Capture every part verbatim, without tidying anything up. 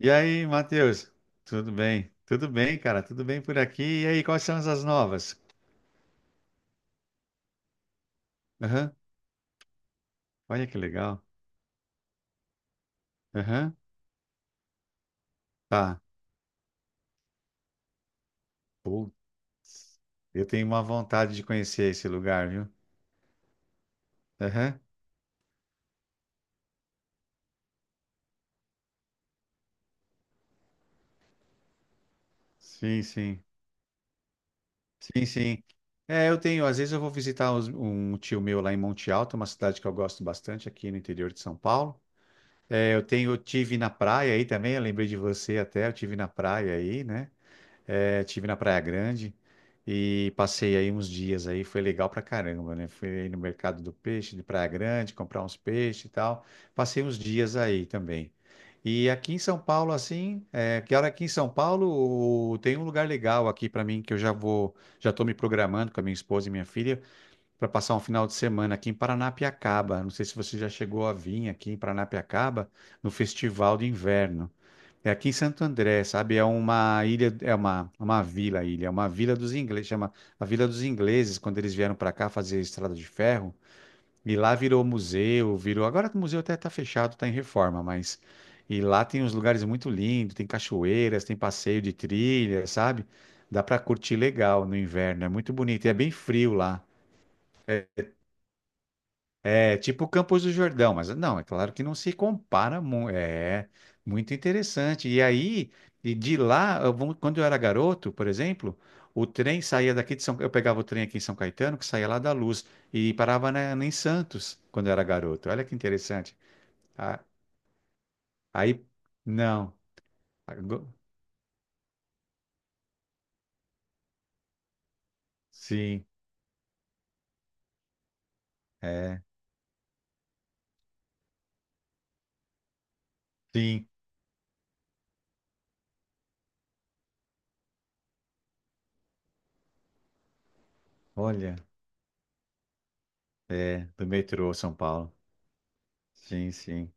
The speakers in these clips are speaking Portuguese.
E aí, Matheus? Tudo bem? Tudo bem, cara? Tudo bem por aqui? E aí, quais são as novas? Aham. Olha que legal. Aham. Tá. Putz. Eu tenho uma vontade de conhecer esse lugar, viu? Aham. Sim, sim. Sim, sim. É, eu tenho. Às vezes eu vou visitar os- um tio meu lá em Monte Alto, uma cidade que eu gosto bastante aqui no interior de São Paulo. É, eu tenho, eu tive na praia aí também, eu lembrei de você até, eu tive na praia aí, né? É, tive na Praia Grande e passei aí uns dias aí, foi legal pra caramba, né? Fui aí no mercado do peixe de Praia Grande, comprar uns peixes e tal. Passei uns dias aí também. E aqui em São Paulo, assim, é, que hora aqui em São Paulo o- tem um lugar legal aqui pra mim que eu já vou, já tô me programando com a minha esposa e minha filha para passar um final de semana aqui em Paranapiacaba. Não sei se você já chegou a vir aqui em Paranapiacaba no Festival de Inverno. É aqui em Santo André, sabe? É uma ilha, é uma, uma vila, ilha, é uma vila dos ingleses, chama a Vila dos Ingleses, quando eles vieram para cá fazer estrada de ferro. E lá virou museu, virou. Agora o museu até está fechado, está em reforma, mas. E lá tem uns lugares muito lindos, tem cachoeiras, tem passeio de trilha, sabe? Dá para curtir legal no inverno, é muito bonito e é bem frio lá. É tipo Campos do Jordão, mas não, é claro que não se compara. mu- É muito interessante. E aí, e de lá, eu vou- quando eu era garoto, por exemplo, o trem saía daqui de São, eu pegava o trem aqui em São Caetano, que saía lá da Luz e parava na, em Santos quando eu era garoto. Olha que interessante. Ah. Aí, não. Ago- sim, é, sim. Olha, é do metrô São Paulo. Sim, sim.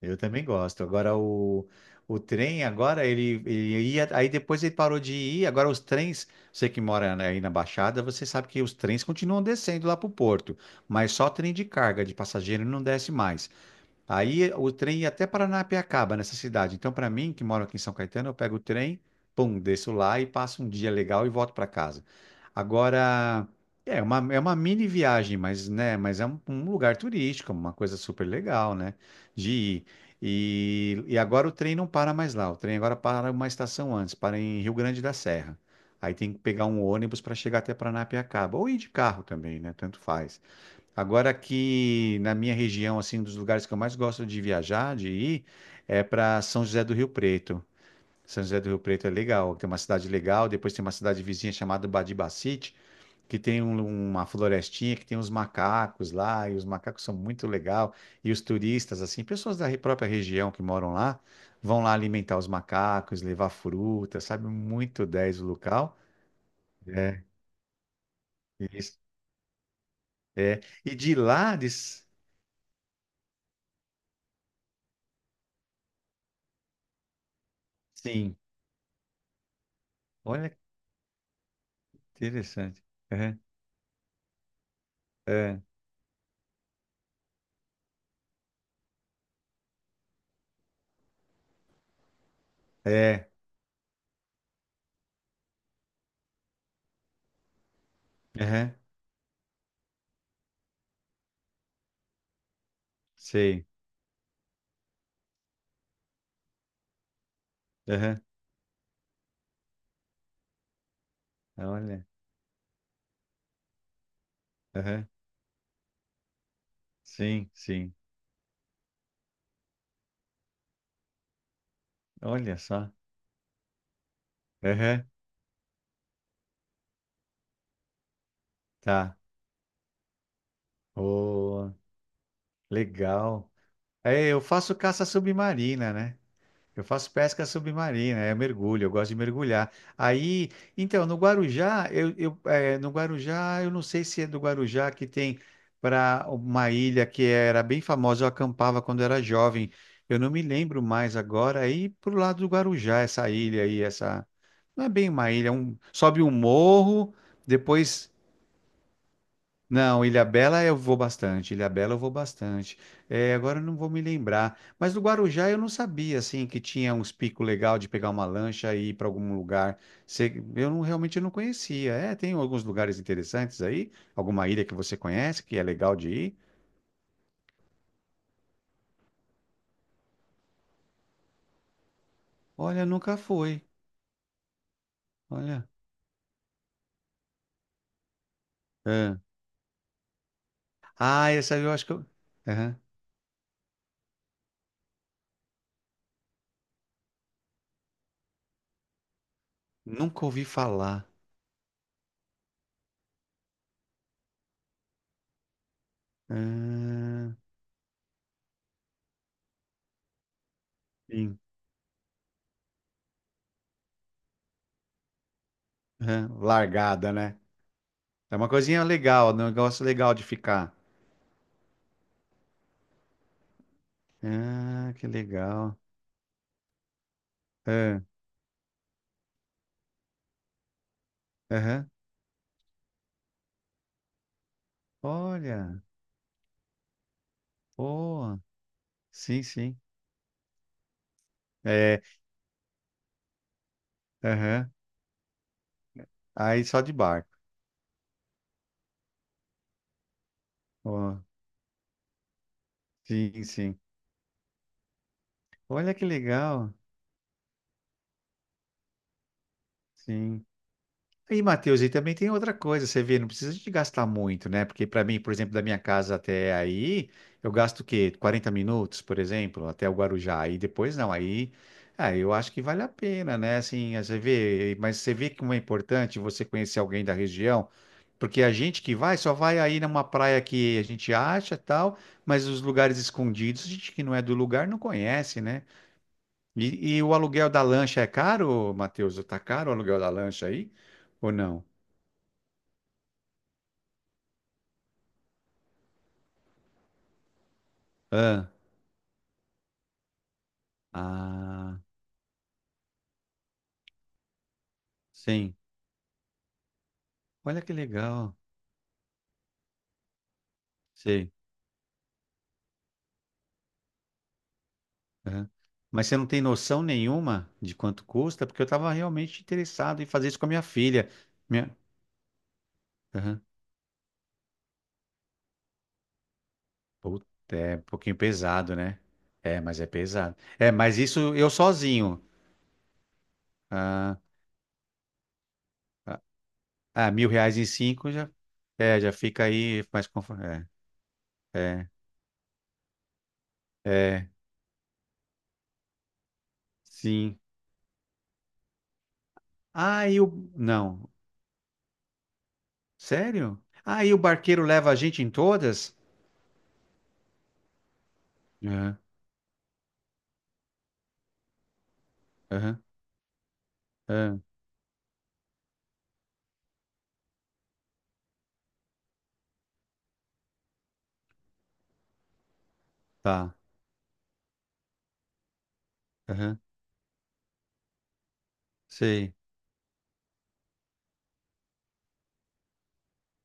Eu também gosto. Agora o, o trem, agora ele, ele ia, aí depois ele parou de ir. Agora os trens, você que mora na- aí na Baixada, você sabe que os trens continuam descendo lá para o porto, mas só trem de carga, de passageiro não desce mais. Aí o trem ia até Paranapiacaba, nessa cidade. Então, para mim, que moro aqui em São Caetano, eu pego o trem, pum, desço lá e passo um dia legal e volto para casa. Agora, é uma, é uma mini viagem, mas, né, mas é um, um lugar turístico, uma coisa super legal, né, de ir. E, e agora o trem não para mais lá. O trem agora para uma estação antes, para em Rio Grande da Serra. Aí tem que pegar um ônibus para chegar até Paranapiacaba, ou ir de carro também, né, tanto faz. Agora aqui na minha região, assim, um dos lugares que eu mais gosto de viajar, de ir, é para São José do Rio Preto. São José do Rio Preto é legal, tem uma cidade legal, depois tem uma cidade vizinha chamada Badibacite, que tem um- uma florestinha, que tem uns macacos lá, e os macacos são muito legal, e os turistas, assim, pessoas da re- própria região que moram lá, vão lá alimentar os macacos, levar fruta, sabe? Muito dez o local. É, isso. É. E de lá, de... sim. Olha. Interessante. Aham, aham. É, aham, sei. Aham. Olha, aham. Sim, sim. Olha só. Aham. Tá. Oh, legal. É, eu faço caça submarina, né? Eu faço pesca submarina, é mergulho, eu gosto de mergulhar. Aí, então, no Guarujá, eu, eu, eh, no Guarujá, eu não sei se é do Guarujá que tem para uma ilha que era bem famosa, eu acampava quando era jovem. Eu não me lembro mais agora. Aí, pro lado do Guarujá, essa ilha aí, essa. Não é bem uma ilha, é um... sobe um morro, depois não, Ilhabela eu vou bastante, Ilhabela eu vou bastante. É, agora eu não vou me lembrar, mas do Guarujá eu não sabia assim que tinha uns picos legal de pegar uma lancha e ir para algum lugar. Cê- eu não, realmente eu não conhecia. É, tem alguns lugares interessantes aí, alguma ilha que você conhece que é legal de ir? Olha, nunca foi. Olha. É. Ah, essa eu acho que eu, aham, nunca ouvi falar. Ah, sim. Aham. Largada, né? É uma coisinha legal, um negócio legal de ficar. Ah, que legal. Ah, aham. Olha, boa. Sim, sim. É, aham. Aí só de barco. Ó, sim, sim. Olha que legal. Sim. E, Matheus, e também tem outra coisa, você vê, não precisa de gastar muito, né? Porque para mim, por exemplo, da minha casa até aí, eu gasto o quê? quarenta minutos, por exemplo, até o Guarujá. Aí depois não, aí, ah, eu acho que vale a pena, né? Assim, eh, você vê, mas você vê como é importante você conhecer alguém da região, porque a gente que vai só vai aí numa praia que a gente acha, tal, mas os lugares escondidos, a gente que não é do lugar não conhece, né? E, e o aluguel da lancha é caro, Matheus? Tá caro o aluguel da lancha aí? Ou não? Ah, ah, sim. Olha que legal. Sei. Aham. Mas você não tem noção nenhuma de quanto custa? Porque eu estava realmente interessado em fazer isso com a minha filha. Minha... aham. Puta, é um pouquinho pesado, né? É, mas é pesado. É, mas isso eu sozinho. Ah, ah, ah, mil reais em cinco já, é, já fica aí mais confortável. É, é, é, sim. Ah, e o. Não. Sério? Ah, e o barqueiro leva a gente em todas? Aham, aham. Ah, tá. Aham, sei.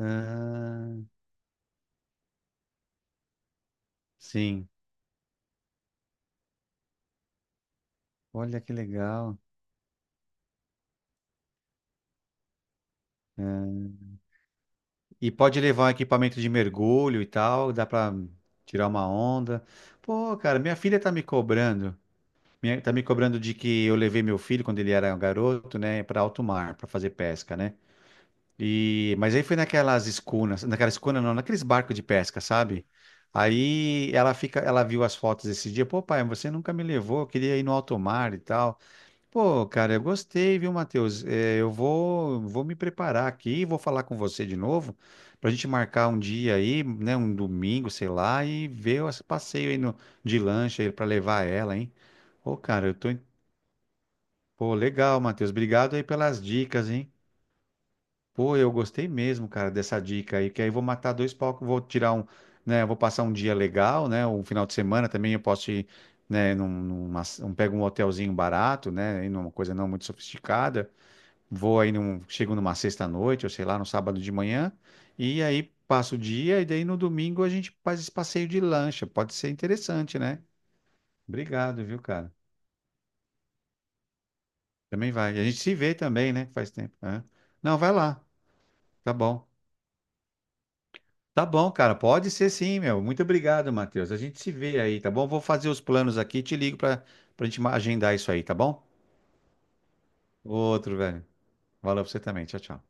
Ah, sim. Olha que legal. Ah, e pode levar um equipamento de mergulho e tal, dá pra tirar uma onda. Pô, cara, minha filha tá me cobrando. Minha, tá me cobrando de que eu levei meu filho quando ele era um garoto, né, pra alto mar, pra fazer pesca, né? E mas aí foi naquelas escunas, naquela escuna não, naqueles barcos de pesca, sabe? Aí ela fica, ela viu as fotos esse dia, pô, pai, você nunca me levou, eu queria ir no alto mar e tal. Pô, cara, eu gostei, viu, Matheus? É, eu vou, vou me preparar aqui, vou falar com você de novo, pra gente marcar um dia aí, né, um domingo, sei lá, e ver esse passeio aí no, de lancha aí pra levar ela, hein? Ô, cara, eu tô. em- pô, legal, Matheus. Obrigado aí pelas dicas, hein? Pô, eu gostei mesmo, cara, dessa dica aí, que aí eu vou matar dois palcos, vou tirar um, né, vou passar um dia legal, né, um final de semana também eu posso ir, né, num, numa, um, pego um hotelzinho barato, né, e numa coisa não muito sofisticada. Vou aí num, chego numa sexta-noite, ou sei lá, no sábado de manhã, e aí passo o dia, e daí no domingo a gente faz esse passeio de lancha. Pode ser interessante, né? Obrigado, viu, cara? Também vai. E a gente se vê também, né? Faz tempo, né? Não, vai lá. Tá bom. Tá bom, cara. Pode ser sim, meu. Muito obrigado, Matheus. A gente se vê aí, tá bom? Vou fazer os planos aqui e te ligo pra, pra, gente ma- agendar isso aí, tá bom? Outro, velho. Valeu pra você também. Tchau, tchau.